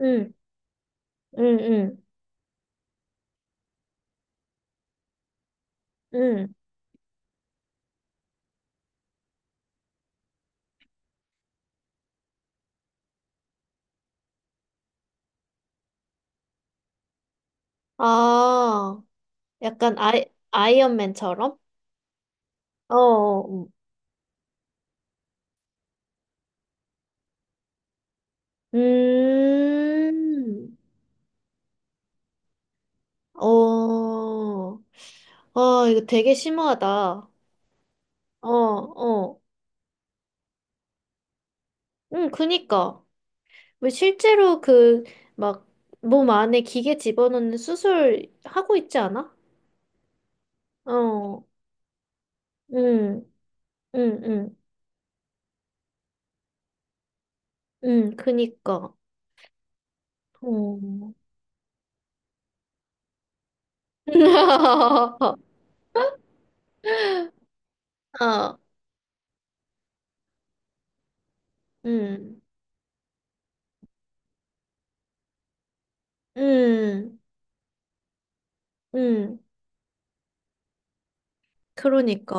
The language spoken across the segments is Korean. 응, 응, 응, 응. 아, 약간 아이언맨처럼? 어, 어, 어. 음, 어, 아, 이거 되게 심하다. 어, 어. 응, 그니까. 왜 실제로 그, 막, 몸 안에 기계 집어넣는 수술 하고 있지 않아? 어, 응, 응, 응, 응, 그니까. 어. 어, 응, 응. 음, 그러니까.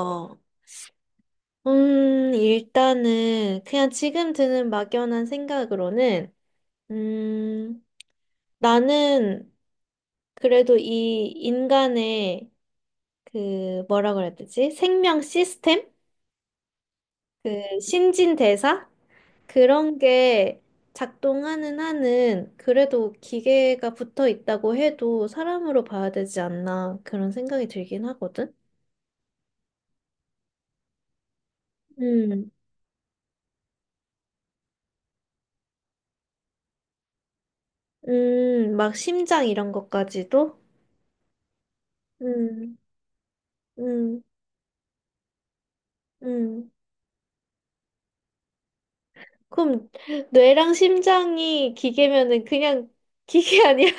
일단은 그냥 지금 드는 막연한 생각으로는, 음, 나는 그래도 이 인간의 그 뭐라 그래야 되지? 생명 시스템? 그 신진대사? 그런 게 작동하는 한은 그래도 기계가 붙어 있다고 해도 사람으로 봐야 되지 않나 그런 생각이 들긴 하거든? 음, 막 심장 이런 것까지도? 음. 음, 음. 그럼 뇌랑 심장이 기계면은 그냥 기계 아니야?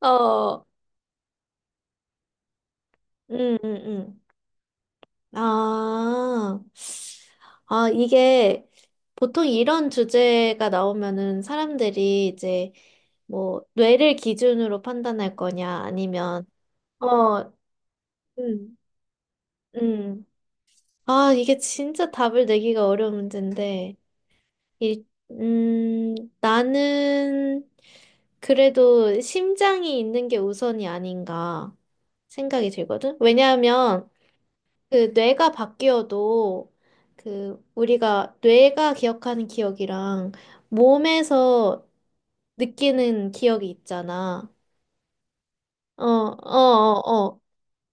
어, 음, 음, 음. 아, 아, 이게 보통 이런 주제가 나오면은 사람들이 이제 뭐 뇌를 기준으로 판단할 거냐 아니면 어, 음, 음. 아, 이게 진짜 답을 내기가 어려운 문제인데. 일, 음, 나는 그래도 심장이 있는 게 우선이 아닌가 생각이 들거든. 왜냐하면 그 뇌가 바뀌어도 그 우리가 뇌가 기억하는 기억이랑 몸에서 느끼는 기억이 있잖아. 어, 어, 어, 어.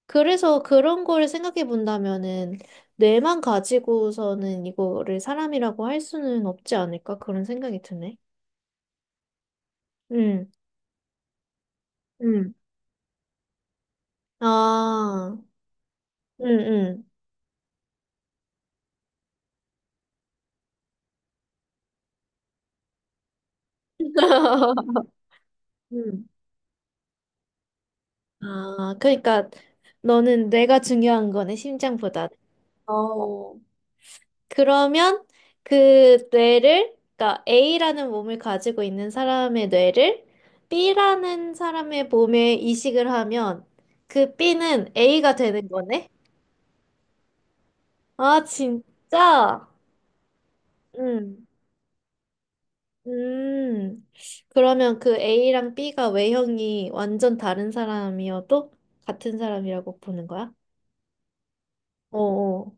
그래서 그런 거를 생각해 본다면은 뇌만 가지고서는 이거를 사람이라고 할 수는 없지 않을까 그런 생각이 드네. 음. 음. 아, 응, 응. 응. 아, 그러니까 너는 뇌가 중요한 거네, 심장보다. 어, 그러면 그 뇌를, 그러니까 A라는 몸을 가지고 있는 사람의 뇌를 B라는 사람의 몸에 이식을 하면 그 B는 A가 되는 거네? 아, 진짜? 응. 음, 그러면 그 A랑 B가 외형이 완전 다른 사람이어도 같은 사람이라고 보는 거야? 어어.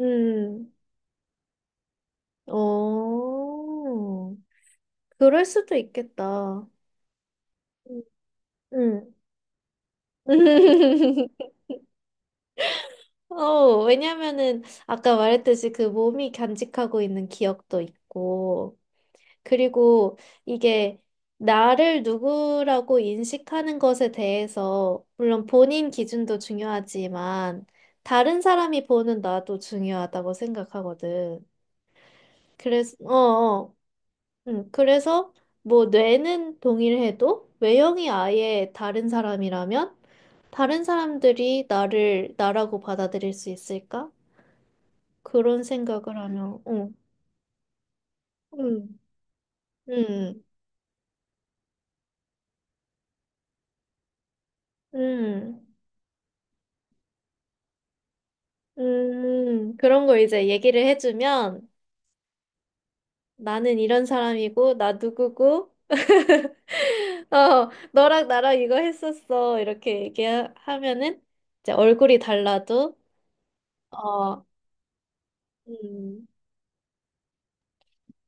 음, 어. 그럴 수도 있겠다. 음. 어, 왜냐면은 아까 말했듯이 그 몸이 간직하고 있는 기억도 있고, 그리고 이게 나를 누구라고 인식하는 것에 대해서, 물론 본인 기준도 중요하지만, 다른 사람이 보는 나도 중요하다고 생각하거든. 그래서, 어, 어. 응, 그래서 뭐 뇌는 동일해도 외형이 아예 다른 사람이라면 다른 사람들이 나를 나라고 받아들일 수 있을까? 그런 생각을 하면, 응, 응, 응, 응. 그런 거 이제 얘기를 해주면 나는 이런 사람이고, 나 누구고, 어, 너랑 나랑 이거 했었어. 이렇게 얘기하면은 이제 얼굴이 달라도, 어, 음,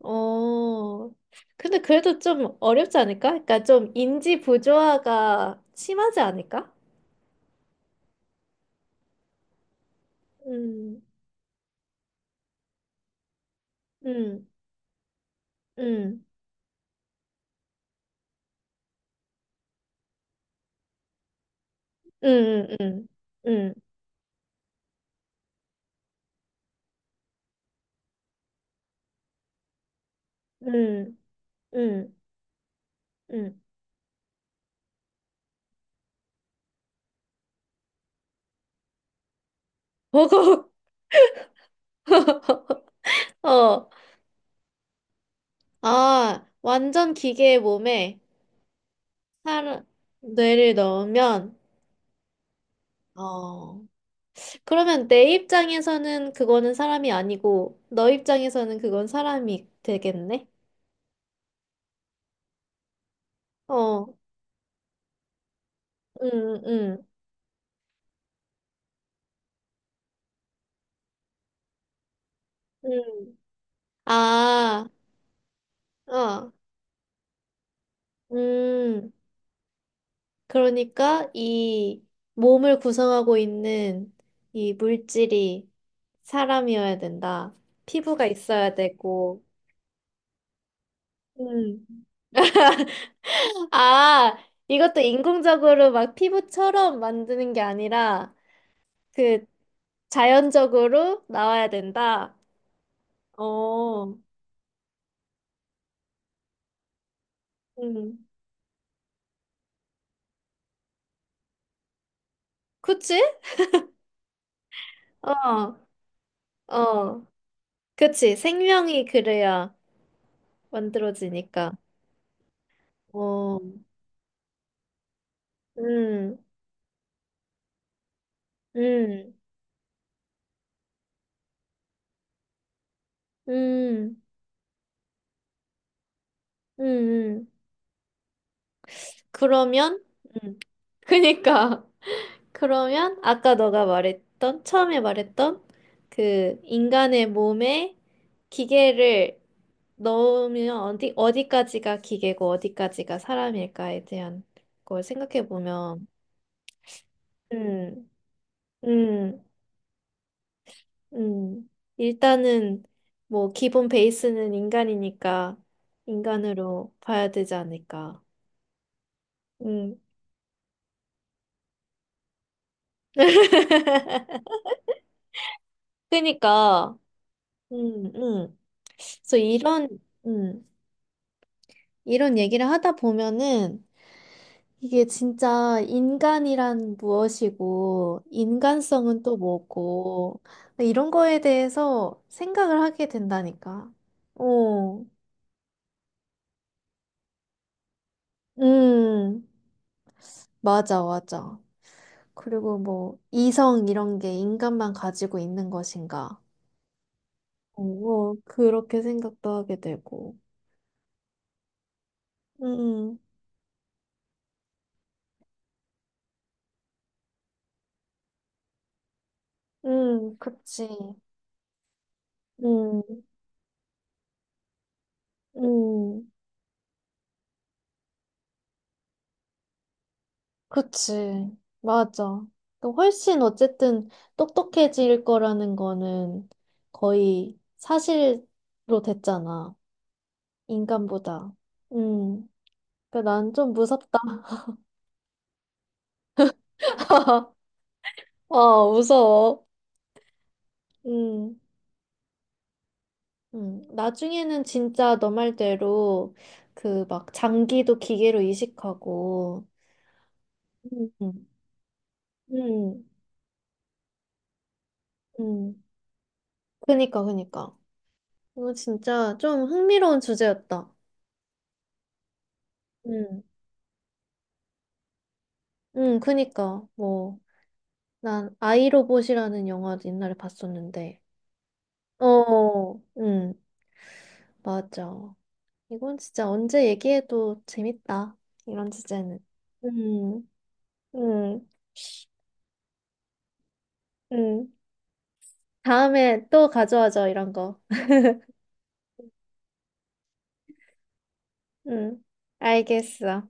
어. 근데 그래도 좀 어렵지 않을까? 그러니까 좀 인지 부조화가 심하지 않을까? 음, 음, 음, 음, 음, 음, 음, 음, 음, 음. 버거. 어. 아, 완전 기계의 몸에 살, 뇌를 넣으면, 어, 그러면 내 입장에서는 그거는 사람이 아니고, 너 입장에서는 그건 사람이 되겠네? 어, 음, 음, 음. 아, 어, 음. 그러니까 이 몸을 구성하고 있는 이 물질이 사람이어야 된다. 피부가 있어야 되고, 음. 아, 이것도 인공적으로 막 피부처럼 만드는 게 아니라 그 자연적으로 나와야 된다. 어, 음, 그치? 어, 어, 그치. 생명이 그래야 만들어지니까. 어, 음, 음, 음, 음, 음. 그러면, 음, 그니까. 그러면 아까 너가 말했던, 처음에 말했던 그 인간의 몸에 기계를 넣으면 어디, 어디까지가 기계고 어디까지가 사람일까에 대한 걸 생각해 보면, 음, 음, 음. 일단은 뭐 기본 베이스는 인간이니까 인간으로 봐야 되지 않을까. 음. 그니까, 음, 음. 그래서 이런, 음. 이런 얘기를 하다 보면은 이게 진짜 인간이란 무엇이고 인간성은 또 뭐고 이런 거에 대해서 생각을 하게 된다니까. 어, 음, 맞아, 맞아. 그리고 뭐 이성 이런 게 인간만 가지고 있는 것인가? 어, 어, 그렇게 생각도 하게 되고. 음, 그치. 음, 음. 그치. 맞아. 그 훨씬 어쨌든 똑똑해질 거라는 거는 거의 사실로 됐잖아. 인간보다. 음. 그러니까 난 좀 무섭다. 어, 무서워. 음. 음. 나중에는 진짜 너 말대로 그 막 장기도 기계로 이식하고. 음. 음. 음. 그니까, 그니까. 이거 진짜 좀 흥미로운 주제였다. 음. 그니까, 뭐. 난 아이로봇이라는 영화 옛날에 봤었는데. 어, 응, 맞아. 이건 진짜 언제 얘기해도 재밌다. 이런 주제는. 음, 음, 음. 다음에 또 가져와줘, 이런 거. 음, 알겠어.